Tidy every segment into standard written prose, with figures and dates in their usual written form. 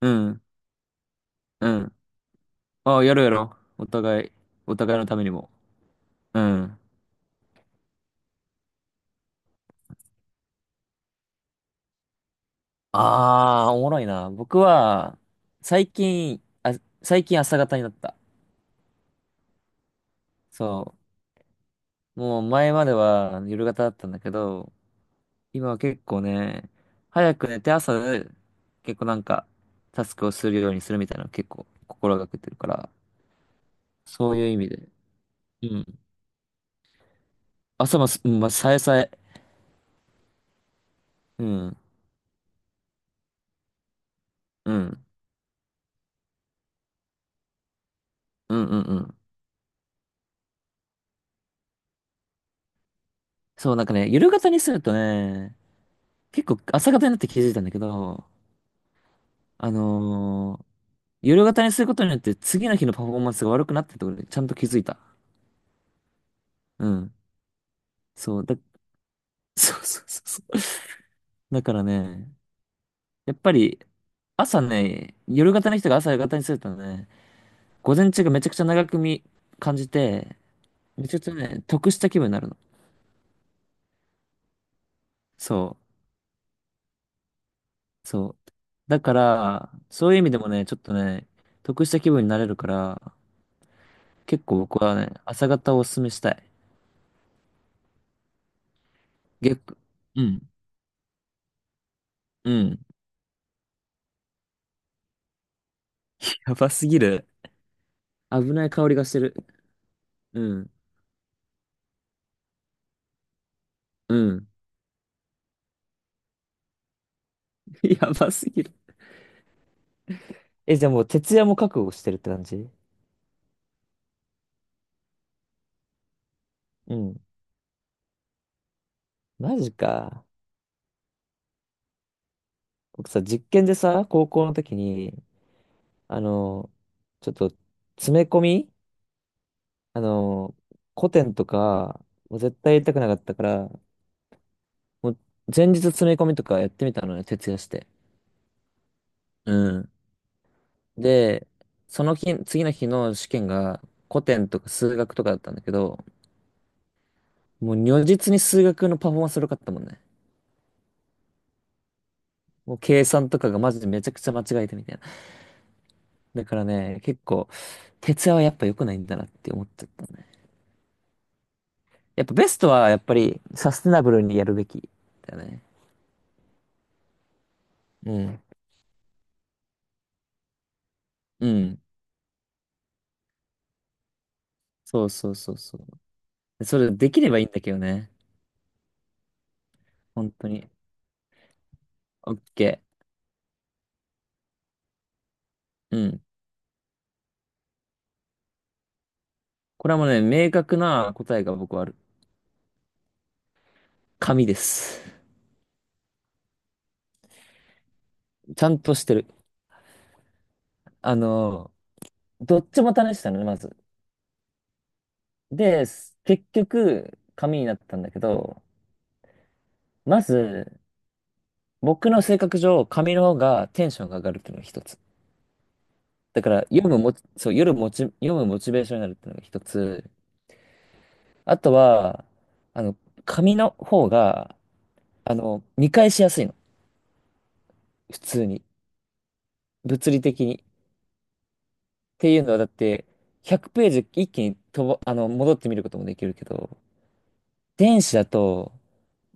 うん、うん。ああ、やろうやろう。お互いのためにも。うん。ああ、おもろいな。僕は、最近、最近朝方になった。そう。もう前までは夜型だったんだけど、今は結構ね、早く寝て朝、結構なんか、タスクをするようにするみたいなの結構心がけてるから、そういう意味で。うん。朝もす、うん、まあ、さえさえ。うん。うん。うんうんうん。そう、なんかね、夜型にするとね、結構朝方になって気づいたんだけど、あのー夜型にすることによって次の日のパフォーマンスが悪くなってるところでちゃんと気づいた。うん。そう、だ、そうそうそうそう。だからね、やっぱり朝ね、夜型の人が朝型にするとね、午前中がめちゃくちゃ長く見、感じて、めちゃくちゃね、得した気分になるの。そう、そう。だから、そういう意味でもね、ちょっとね、得した気分になれるから、結構僕はね、朝方をおすすめしたい。逆、うん。うん。やばすぎる。危ない香りがしてる。うん。うん。やばすぎる。え、じゃあもう徹夜も覚悟してるって感じ？うん。マジか。僕さ、実験でさ、高校の時に、あの、ちょっと、詰め込み、あの、古典とか、もう絶対やりたくなかったから、もう前日詰め込みとかやってみたのよ、徹夜して。うん。で、その日、次の日の試験が古典とか数学とかだったんだけど、もう如実に数学のパフォーマンス良かったもんね。もう計算とかがマジでめちゃくちゃ間違えてみたいな。だからね、結構、徹夜はやっぱ良くないんだなって思っちゃったね。やっぱベストはやっぱりサステナブルにやるべきだよね。うん。うん。そうそうそうそう。でそれできればいいんだけどね。本当に。オッケー。うん。これはもうね、明確な答えが僕はある。紙です。ちゃんとしてる。あの、どっちも試したのね、まず。で、す結局、紙になったんだけど、まず、僕の性格上、紙の方がテンションが上がるっていうのが一つ。だから、読むも、そう、夜もち、読むモチベーションになるっていうのが一つ。あとは、あの、紙の方が、見返しやすいの。普通に。物理的に。っていうのは、だって、100ページ一気にとば、戻ってみることもできるけど、電子だと、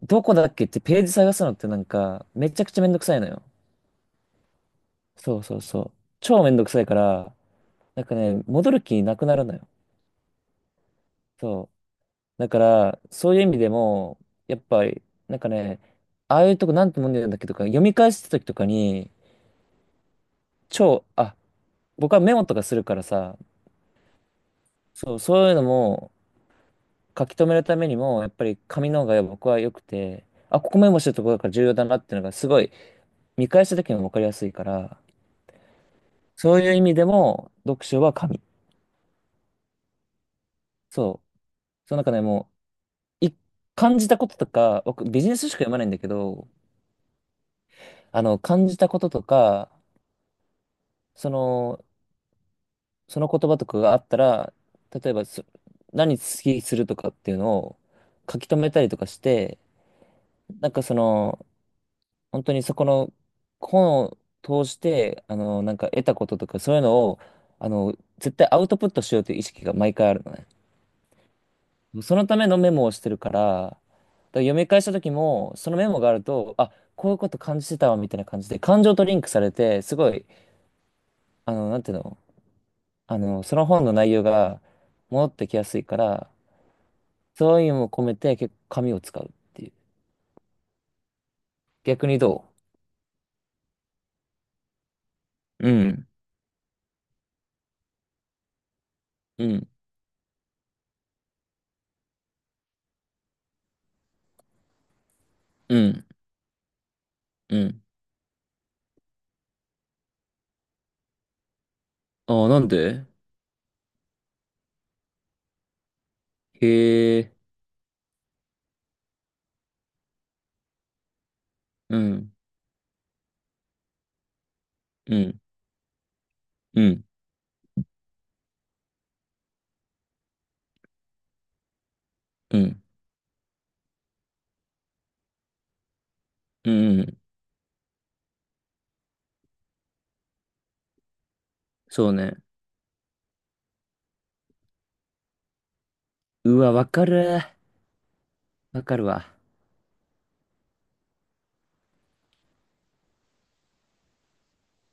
どこだっけってページ探すのってなんか、めちゃくちゃめんどくさいのよ。そうそうそう。超めんどくさいから、なんかね、戻る気なくなるのよ。そう。だから、そういう意味でも、やっぱり、なんかね、ああいうとこなんてもんでるんだっけとか、読み返すときとかに、超、あ、僕はメモとかするからさ、そう、そういうのも書き留めるためにも、やっぱり紙の方が僕は良くて、あ、ここメモしてるところから重要だなっていうのがすごい見返した時にも分かりやすいから、そういう意味でも読書は紙。そう。その中でもうい感じたこととか、僕ビジネス書しか読まないんだけど、感じたこととか、その、その言葉とかがあったら、例えばそ、何好きするとかっていうのを書き留めたりとかして、なんかその、本当にそこの本を通して、なんか得たこととか、そういうのを、絶対アウトプットしようという意識が毎回あるのね。そのためのメモをしてるから、だから読み返した時も、そのメモがあると、あ、こういうこと感じてたわ、みたいな感じで、感情とリンクされて、すごい、なんていうの、その本の内容が戻ってきやすいから、そういうのも込めて、結構紙を使うっていう。逆にどう？うん、うん、うん、うん。ああ、なんで？へえ、うん、うん、うん、うん、うん、うん。そうね。うわ、わかる。わかるわ。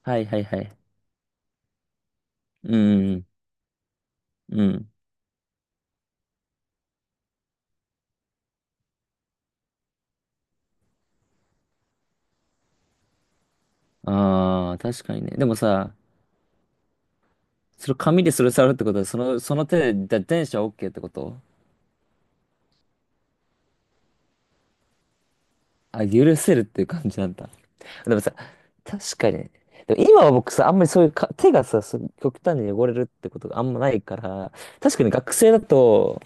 はいはいはい。うん、うん。うん。ああ、確かにね。でもさ、それ紙でそれ触るってことは、その、その手でだ電車 OK ってこと？あ、許せるっていう感じなんだ。でもさ、確かにね。でも今は僕さ、あんまりそういうか、手がさ、そう極端に汚れるってことがあんまないから、確かに学生だと、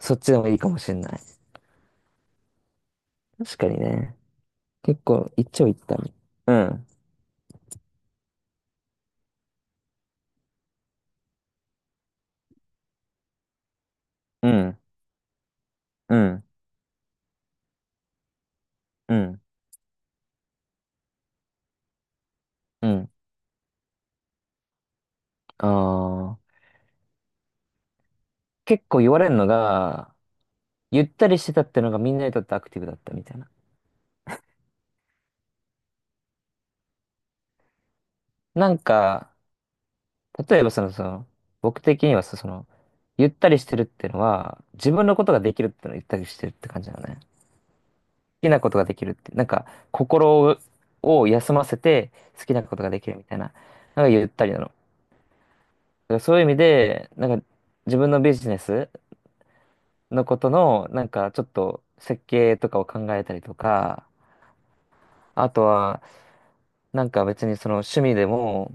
そっちでもいいかもしれない。確かにね。結構、一長一短。うん、うん、うん、うん、うん。ああ、結構言われるのが、ゆったりしてたってのがみんなにとってアクティブだったみたいな。なんか、例えばその、その、僕的にはさ、その、ゆったりしてるっていうのは、自分のことができるっていうのはゆったりしてるって感じなのね。好きなことができるって、なんか、心を休ませて好きなことができるみたいな、なんかゆったりなの。だからそういう意味で、なんか、自分のビジネスのことの、なんか、ちょっと設計とかを考えたりとか、あとは、なんか別にその趣味でも、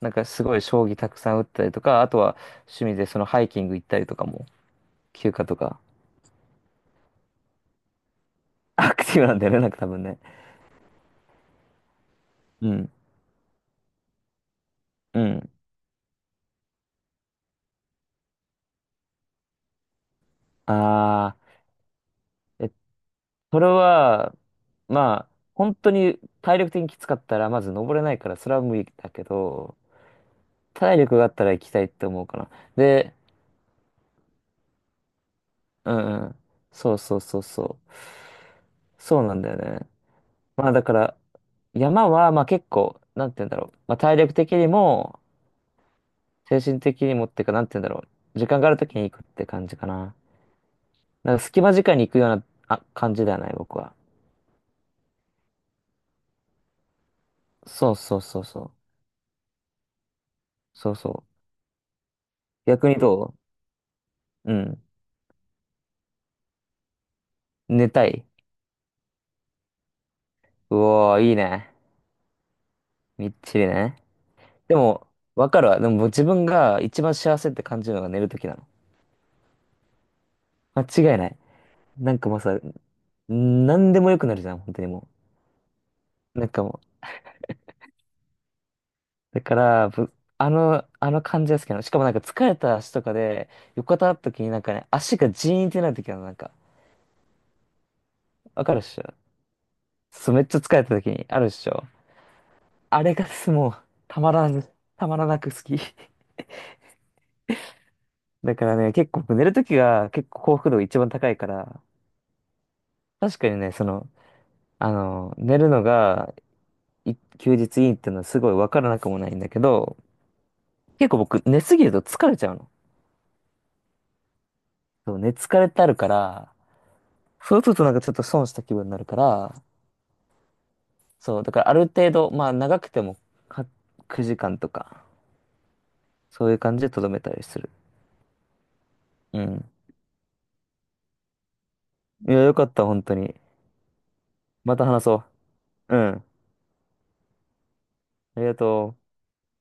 なんかすごい将棋たくさん打ったりとか、あとは趣味でそのハイキング行ったりとかも、休暇とか。アクティブなんだよね、なんか多分ね。うん。うん。ああ、え、それは、まあ、本当に体力的にきつかったら、まず登れないから、それは無理だけど、体力があったら行きたいって思うかな。で、うんうん。そうそうそうそう。そうなんだよね。まあだから、山は、まあ結構、なんて言うんだろう。まあ体力的にも、精神的にもっていうか、なんて言うんだろう。時間がある時に行くって感じかな。なんか隙間時間に行くような、あ、感じではない、僕は。そうそうそうそう。そうそう。逆にどう？うん。寝たい。うおー、いいね。みっちりね。でも、わかるわ。でも自分が一番幸せって感じるのが寝るときなの。間違いない。なんかもうさ、なんでもよくなるじゃん、本当にもう。なんかもう。だから、ぶ、あの感じが好きなの。しかもなんか疲れた足とかで、横たわったときになんかね、足がジーンってなるときなの、なんか。わかるっしょ？そう、めっちゃ疲れたときにあるっしょ？あれがもう、たまらな、たまらなく好き。だからね、結構寝るときが結構幸福度が一番高いから、確かにね、その、寝るのがい休日いいっていうのはすごいわからなくもないんだけど、結構僕寝すぎると疲れちゃうの。そう、寝疲れってあるから、そうするとなんかちょっと損した気分になるから、そう、だからある程度、まあ長くてもは9時間とか、そういう感じでとどめたりする。うん。いや、よかった、本当に。また話そう。うん。ありがとう。